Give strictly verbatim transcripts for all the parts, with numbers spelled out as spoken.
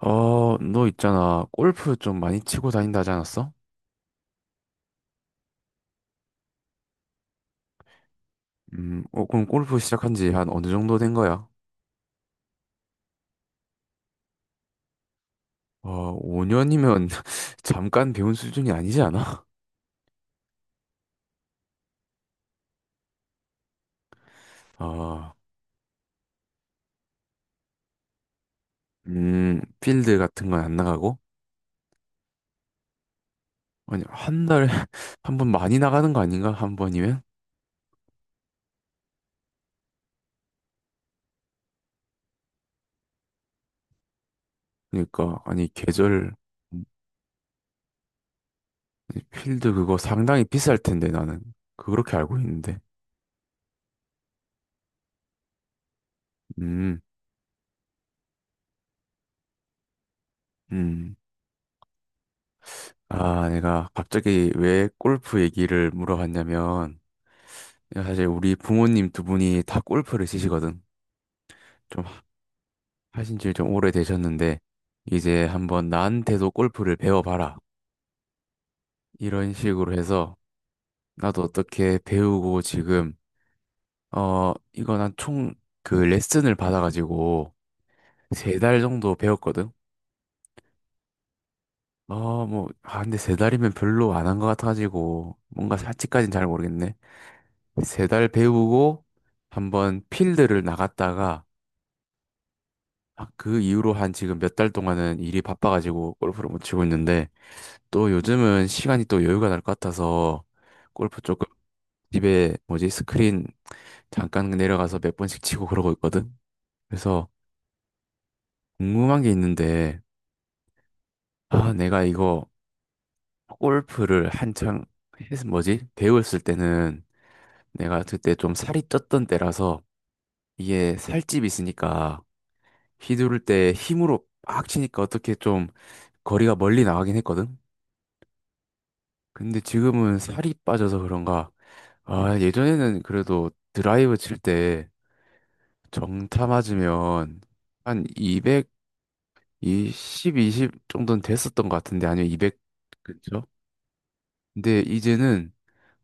어, 너 있잖아. 골프 좀 많이 치고 다닌다 하지 않았어? 음, 어, 그럼 골프 시작한 지 한 어느 정도 된 거야? 어, 오 년이면 잠깐 배운 수준이 아니지 않아? 어, 음, 필드 같은 건 안 나가고? 아니, 한 달에 한 번 많이 나가는 거 아닌가? 한 번이면? 그러니까, 아니, 계절. 아니, 필드 그거 상당히 비쌀 텐데, 나는. 그렇게 알고 있는데. 음. 음. 아, 내가 갑자기 왜 골프 얘기를 물어봤냐면, 야, 사실 우리 부모님 두 분이 다 골프를 치시거든. 좀 하신 지 좀 오래되셨는데, 이제 한번 나한테도 골프를 배워봐라. 이런 식으로 해서, 나도 어떻게 배우고 지금, 어, 이거 난 총 그 레슨을 받아가지고, 세 달 정도 배웠거든. 어, 뭐, 아, 근데 세 달이면 별로 안 한 것 같아가지고, 뭔가 사치까진 잘 모르겠네. 세 달 배우고, 한번 필드를 나갔다가, 아, 그 이후로 한 지금 몇 달 동안은 일이 바빠가지고 골프를 못 치고 있는데 또 요즘은 시간이 또 여유가 날 것 같아서 골프 조금 집에 뭐지 스크린 잠깐 내려가서 몇 번씩 치고 그러고 있거든. 그래서 궁금한 게 있는데 아 내가 이거 골프를 한창 했 뭐지 배웠을 때는 내가 그때 좀 살이 쪘던 때라서 이게 살집이 있으니까 휘두를 때 힘으로 빡 치니까 어떻게 좀 거리가 멀리 나가긴 했거든. 근데 지금은 살이 빠져서 그런가? 아, 예전에는 그래도 드라이브 칠 때 정타 맞으면 한 이백이십, 이십 정도는 됐었던 것 같은데 아니면 이백. 그쵸? 근데 이제는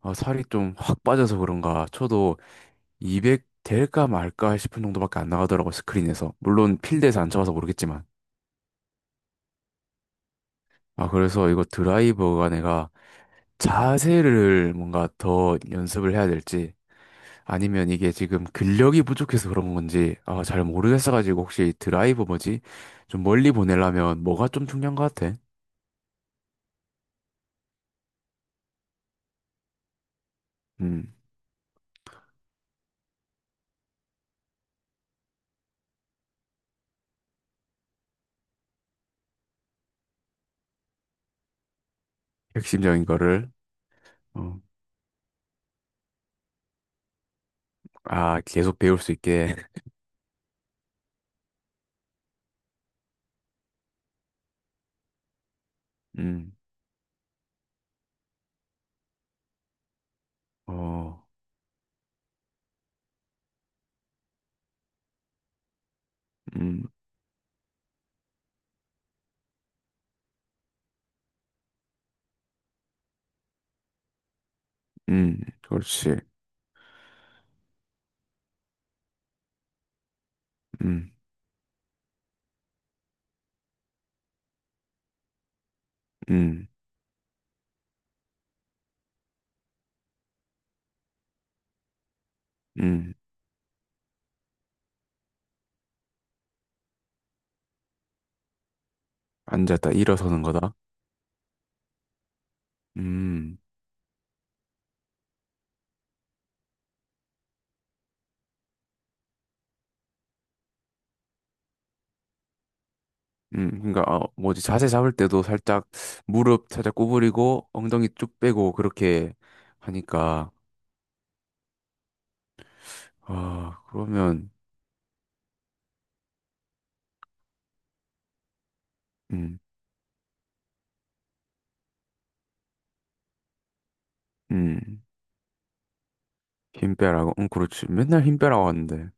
아, 살이 좀 확 빠져서 그런가 쳐도 이백 될까 말까 싶은 정도밖에 안 나가더라고. 스크린에서. 물론 필드에서 안 쳐봐서 모르겠지만 아 그래서 이거 드라이버가 내가 자세를 뭔가 더 연습을 해야 될지 아니면 이게 지금 근력이 부족해서 그런 건지 아, 잘 모르겠어가지고 혹시 드라이브 뭐지? 좀 멀리 보내려면 뭐가 좀 중요한 것 같아? 음, 핵심적인 거를. 어, 아 계속 배울 수 있게. 음. 어. 음. 음. 그렇지. 음. 음. 음. 앉았다 일어서는 거다. 음. 음. 그러니까 어, 뭐지 자세 잡을 때도 살짝 무릎 살짝 구부리고 엉덩이 쭉 빼고 그렇게 하니까. 아 그러면. 음. 음. 힘 빼라고? 응, 그렇지. 맨날 힘 빼라고 하는데.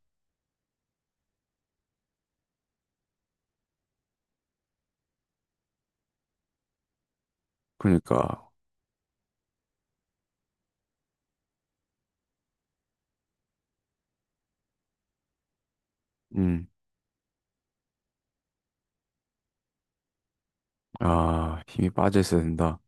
그러니까. 음. 아, 힘이 빠져 있어야 된다.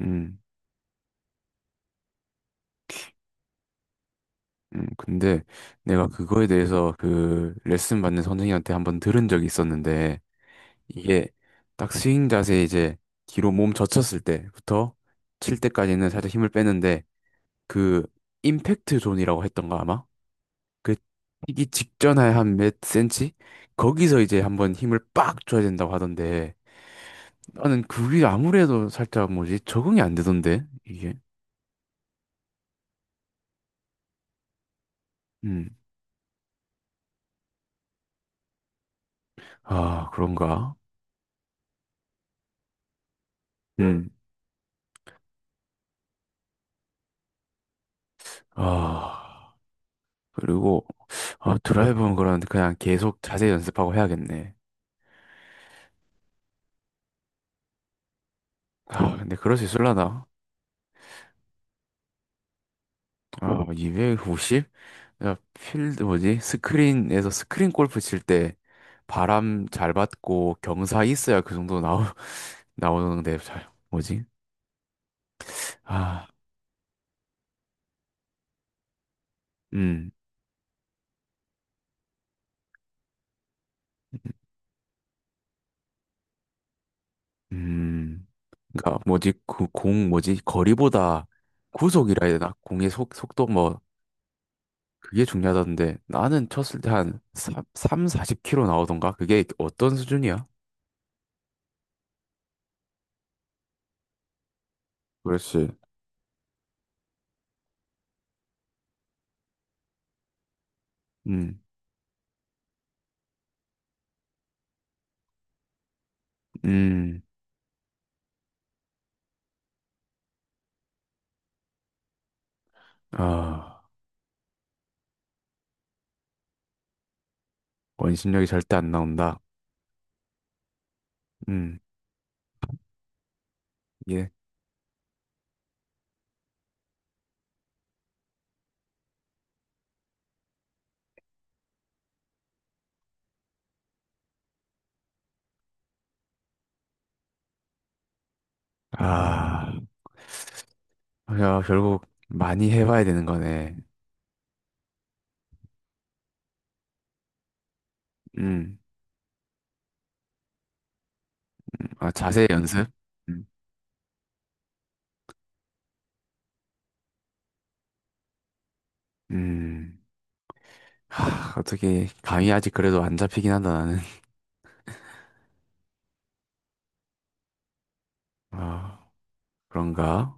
음. 음. 근데 내가 그거에 대해서 그 레슨 받는 선생님한테 한번 들은 적이 있었는데, 이게 딱 스윙 자세 이제 뒤로 몸 젖혔을 때부터 칠 때까지는 살짝 힘을 빼는데, 그 임팩트 존이라고 했던가 아마? 그 튀기 직전에 한 몇 센치? 거기서 이제 한번 힘을 빡 줘야 된다고 하던데, 나는 그게 아무래도 살짝 뭐지 적응이 안 되던데 이게. 음. 아 그런가. 음. 아 그리고 아 드라이브는 그런데 그냥 계속 자세히 연습하고 해야겠네. 아 근데 그럴 수 있을라나. 아 이백오십? 야 필드 뭐지 스크린에서 스크린 골프 칠 때 바람 잘 받고 경사 있어야 그 정도 나오 나오는데 잘 뭐지 아음음 그니까 뭐지 그 공 뭐지 거리보다 구속이라 해야 되나 공의 속 속도 뭐 그게 중요하던데 나는 쳤을 때 한 삼, 사십 킬로 나오던가 그게 어떤 수준이야? 그렇지. 음. 음. 아, 원심력이 절대 안 나온다. 음. 예. 아, 야, 결국 많이 해봐야 되는 거네. 음. 아, 자세 연습? 음. 음. 하, 어떻게 감이 아직 그래도 안 잡히긴 한다 나는. 아, 그런가?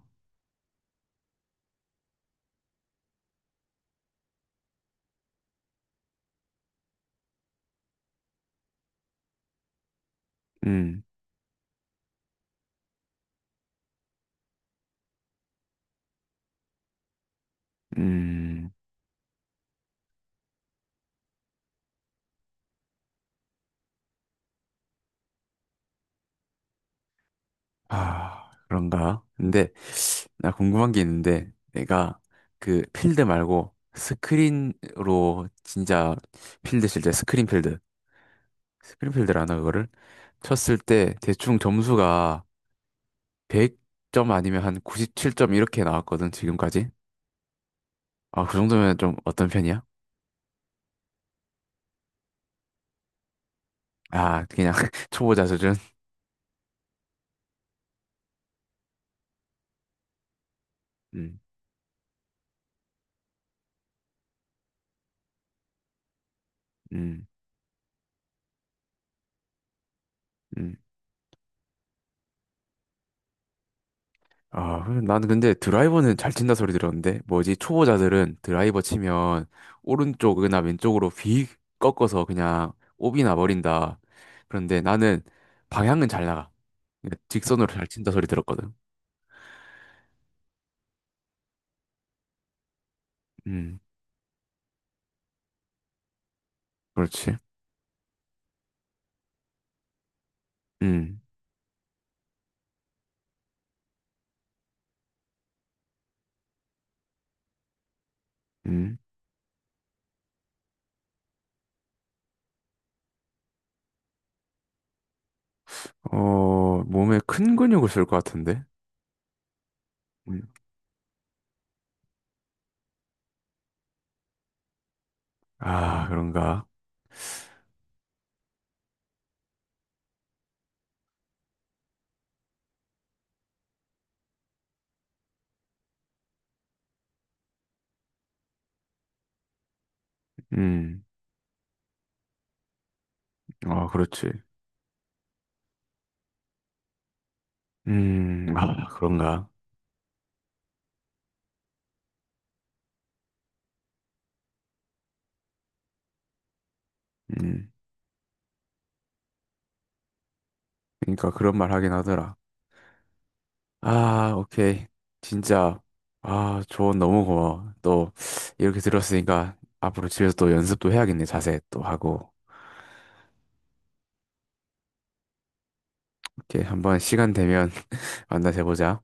음. 음, 아, 그런가? 근데 나 궁금한 게 있는데 내가 그 필드 말고 스크린으로 진짜 필드 칠 때 스크린 필드, 스크린 필드라나 그거를 쳤을 때 대충 점수가 백 점 아니면 한 구십칠 점 이렇게 나왔거든, 지금까지. 아, 그 정도면 좀 어떤 편이야? 아, 그냥 초보자 수준? 음. 음. 음. 아, 그래. 나는 근데 드라이버는 잘 친다 소리 들었는데, 뭐지, 초보자들은 드라이버 치면 오른쪽이나 왼쪽으로 휙 꺾어서 그냥 오비 나버린다. 그런데 나는 방향은 잘 나가. 그러니까 직선으로 잘 친다 소리 들었거든. 음, 그렇지. 음. 음. 어, 몸에 큰 근육을 쓸 것 같은데? 음. 아, 그런가? 음. 아, 그렇지. 음. 아, 그런가? 음. 그러니까 그런 말 하긴 하더라. 아, 오케이. 진짜. 아, 조언 너무 고마워. 또, 이렇게 들었으니까, 앞으로 집에서 또 연습도 해야겠네. 자세 또 하고. 이렇게 한번 시간 되면 만나서 해보자.